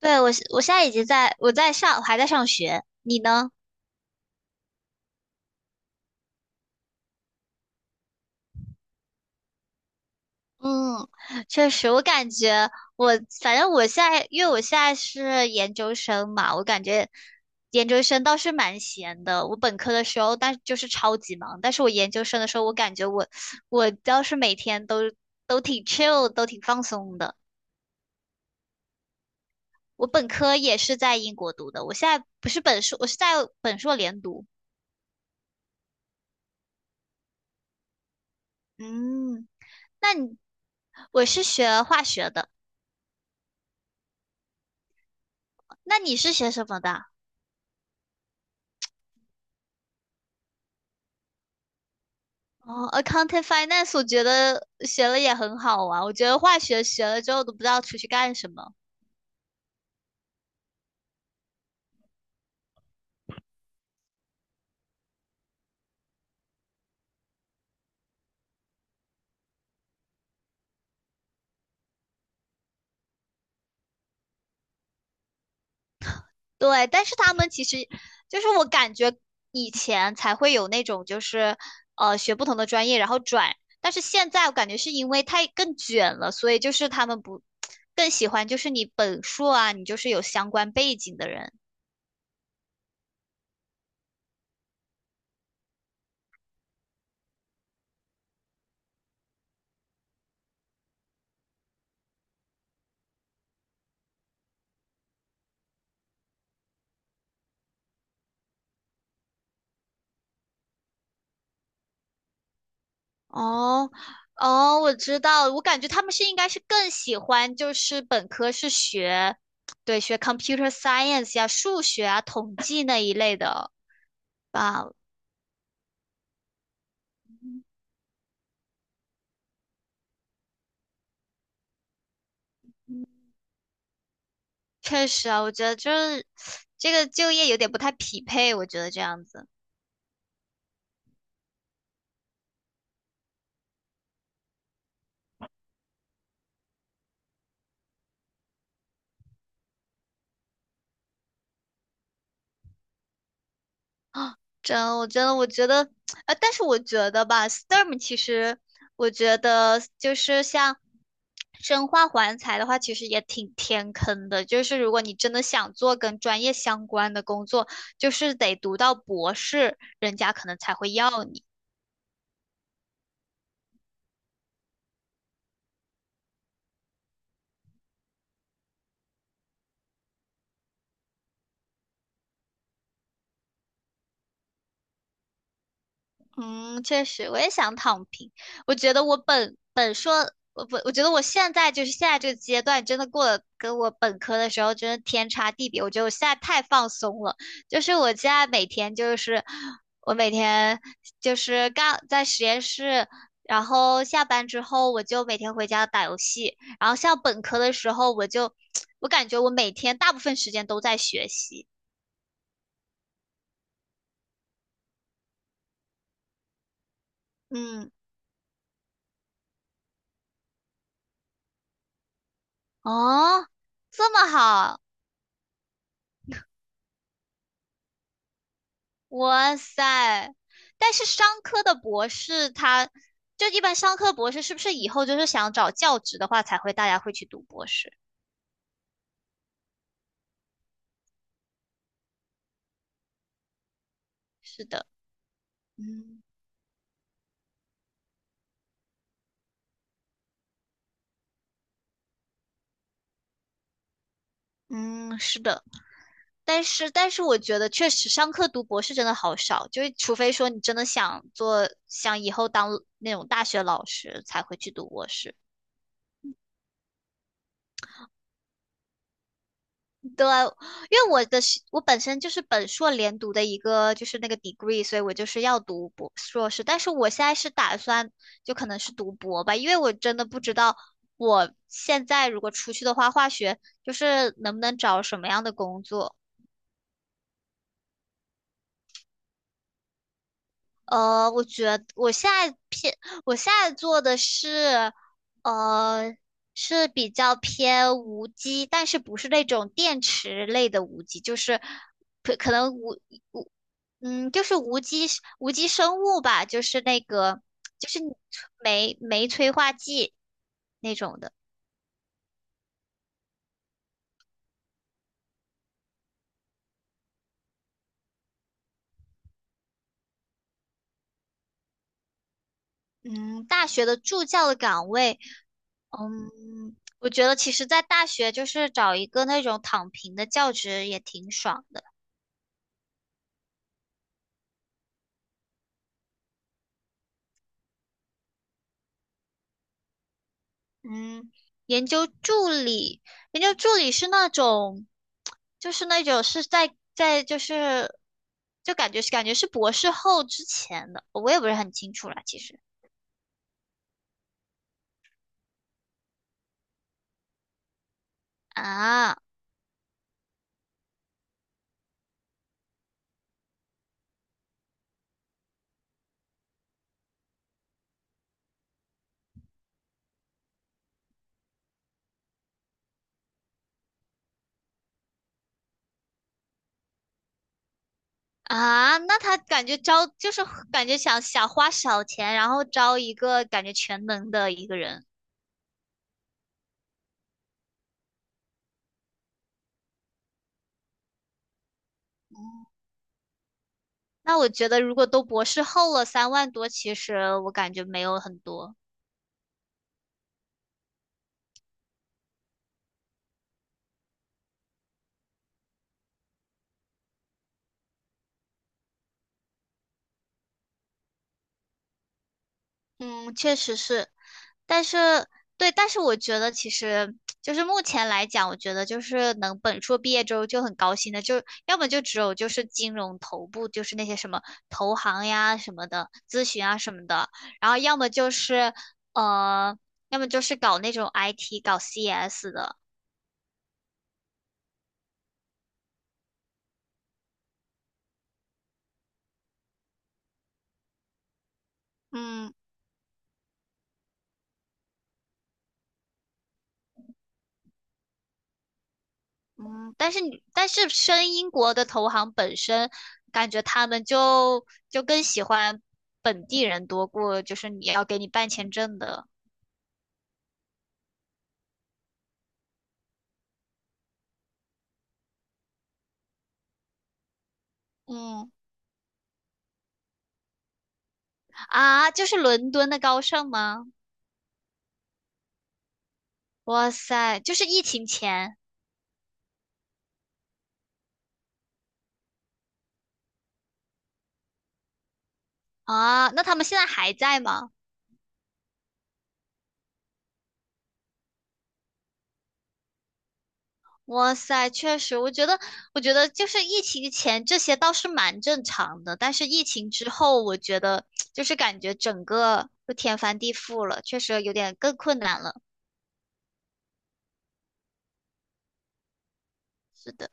对，我是我现在已经在我在上，我还在上学。你呢？嗯，确实，我感觉我反正我现在，因为我现在是研究生嘛，我感觉研究生倒是蛮闲的。我本科的时候，但就是超级忙，但是我研究生的时候，我感觉我倒是每天都挺 chill，都挺放松的。我本科也是在英国读的，我现在不是本硕，我是在本硕连读。嗯，那你我是学化学的。那你是学什么的？哦，accounting finance，我觉得学了也很好啊。我觉得化学学了之后都不知道出去干什么。对，但是他们其实就是我感觉以前才会有那种就是学不同的专业然后转，但是现在我感觉是因为太更卷了，所以就是他们不更喜欢就是你本硕啊，你就是有相关背景的人。哦，哦，我知道了，我感觉他们是应该是更喜欢，就是本科是学，对，学 computer science 呀、数学啊、统计那一类的吧。确实啊，我觉得就是这个就业有点不太匹配，我觉得这样子。啊，真，我真的，我觉得，呃，但是我觉得吧，STEM 其实，我觉得就是像生化环材的话，其实也挺天坑的。就是如果你真的想做跟专业相关的工作，就是得读到博士，人家可能才会要你。嗯，确实，我也想躺平。我觉得我本本硕，我不，我觉得我现在就是现在这个阶段，真的过得跟我本科的时候真的天差地别。我觉得我现在太放松了，就是我现在每天就是我每天就是干在实验室，然后下班之后我就每天回家打游戏，然后像本科的时候我感觉我每天大部分时间都在学习。嗯，哦，这么好。哇塞！但是商科的博士他，就一般商科博士是不是以后就是想找教职的话，才会大家会去读博士？是的，嗯嗯，是的。但是，我觉得确实商科读博士真的好少，除非你真的想做，想以后当那种大学老师，才会去读博士。对，因为我本身就是本硕连读的一个就是那个 degree，所以我就是要读博硕士，但是我现在是打算就可能是读博吧，因为我真的不知道我现在如果出去的话，化学就是能不能找什么样的工作。呃，我觉得我现在偏，我现在做的是，呃，是比较偏无机，但是不是那种电池类的无机，就是可可能无无，嗯，就是无机生物吧，就是那个就是你酶催化剂那种的。嗯，大学的助教的岗位，嗯，我觉得其实在大学就是找一个那种躺平的教职也挺爽的。嗯，研究助理，研究助理是那种，就是那种是在在就是，就感觉是博士后之前的，我也不是很清楚了，其实。啊，啊，那他感觉招就是感觉想花小钱，然后招一个感觉全能的一个人。那我觉得如果都博士后了，3万多，其实我感觉没有很多。嗯，确实是。但是对，但是我觉得其实就是目前来讲，我觉得就是能本硕毕业之后就很高兴的，就要么就只有就是金融头部，就是那些什么投行呀什么的，咨询啊什么的，然后呃，要么就是搞那种 IT 搞 CS 的。嗯嗯，但是申英国的投行本身，感觉他们就更喜欢本地人多过就是你要给你办签证的。嗯。啊，就是伦敦的高盛吗？哇塞，就是疫情前。啊，那他们现在还在吗？哇塞，确实，我觉得，我觉得就是疫情前这些倒是蛮正常的，但是疫情之后，我觉得就是感觉整个就天翻地覆了，确实有点更困难了。是的。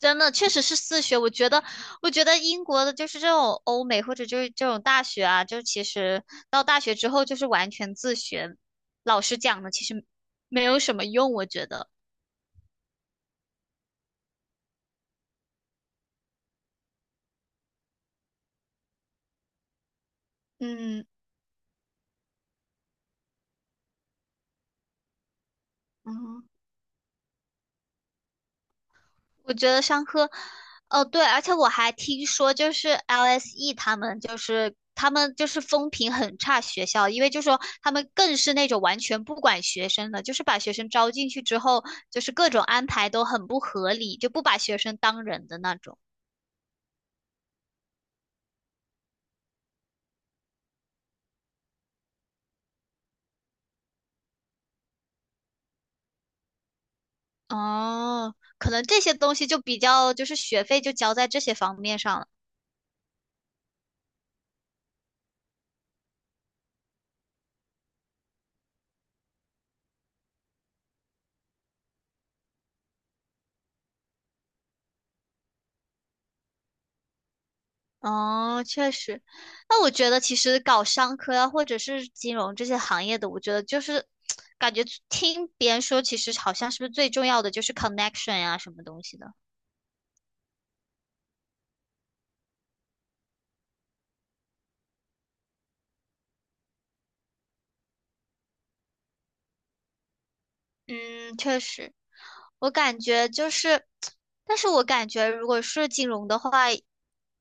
真的确实是自学，我觉得，我觉得英国的就是这种欧美或者就是这种大学啊，就其实到大学之后就是完全自学，老师讲的其实没有什么用，我觉得。嗯嗯，我觉得上课，哦对，而且我还听说，就是 LSE 他们就是风评很差学校，因为就说他们更是那种完全不管学生的，就是把学生招进去之后，就是各种安排都很不合理，就不把学生当人的那种。哦，可能这些东西就比较就是学费就交在这些方面上了。哦，确实，那我觉得其实搞商科啊，或者是金融这些行业的，我觉得就是感觉听别人说，其实好像是不是最重要的就是 connection 呀、什么东西的。嗯，确实，我感觉就是，但是我感觉如果是金融的话，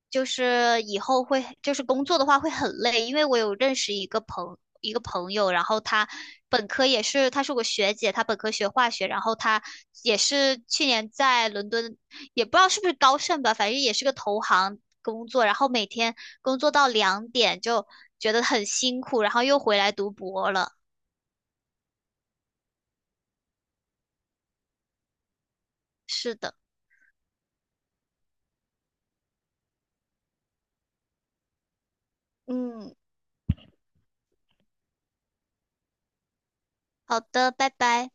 就是以后会，就是工作的话会很累，因为我有认识一个朋友，然后他本科也是，她是我学姐，她本科学化学，然后她也是去年在伦敦，也不知道是不是高盛吧，反正也是个投行工作，然后每天工作到2点就觉得很辛苦，然后又回来读博了。是的，嗯。好的，拜拜。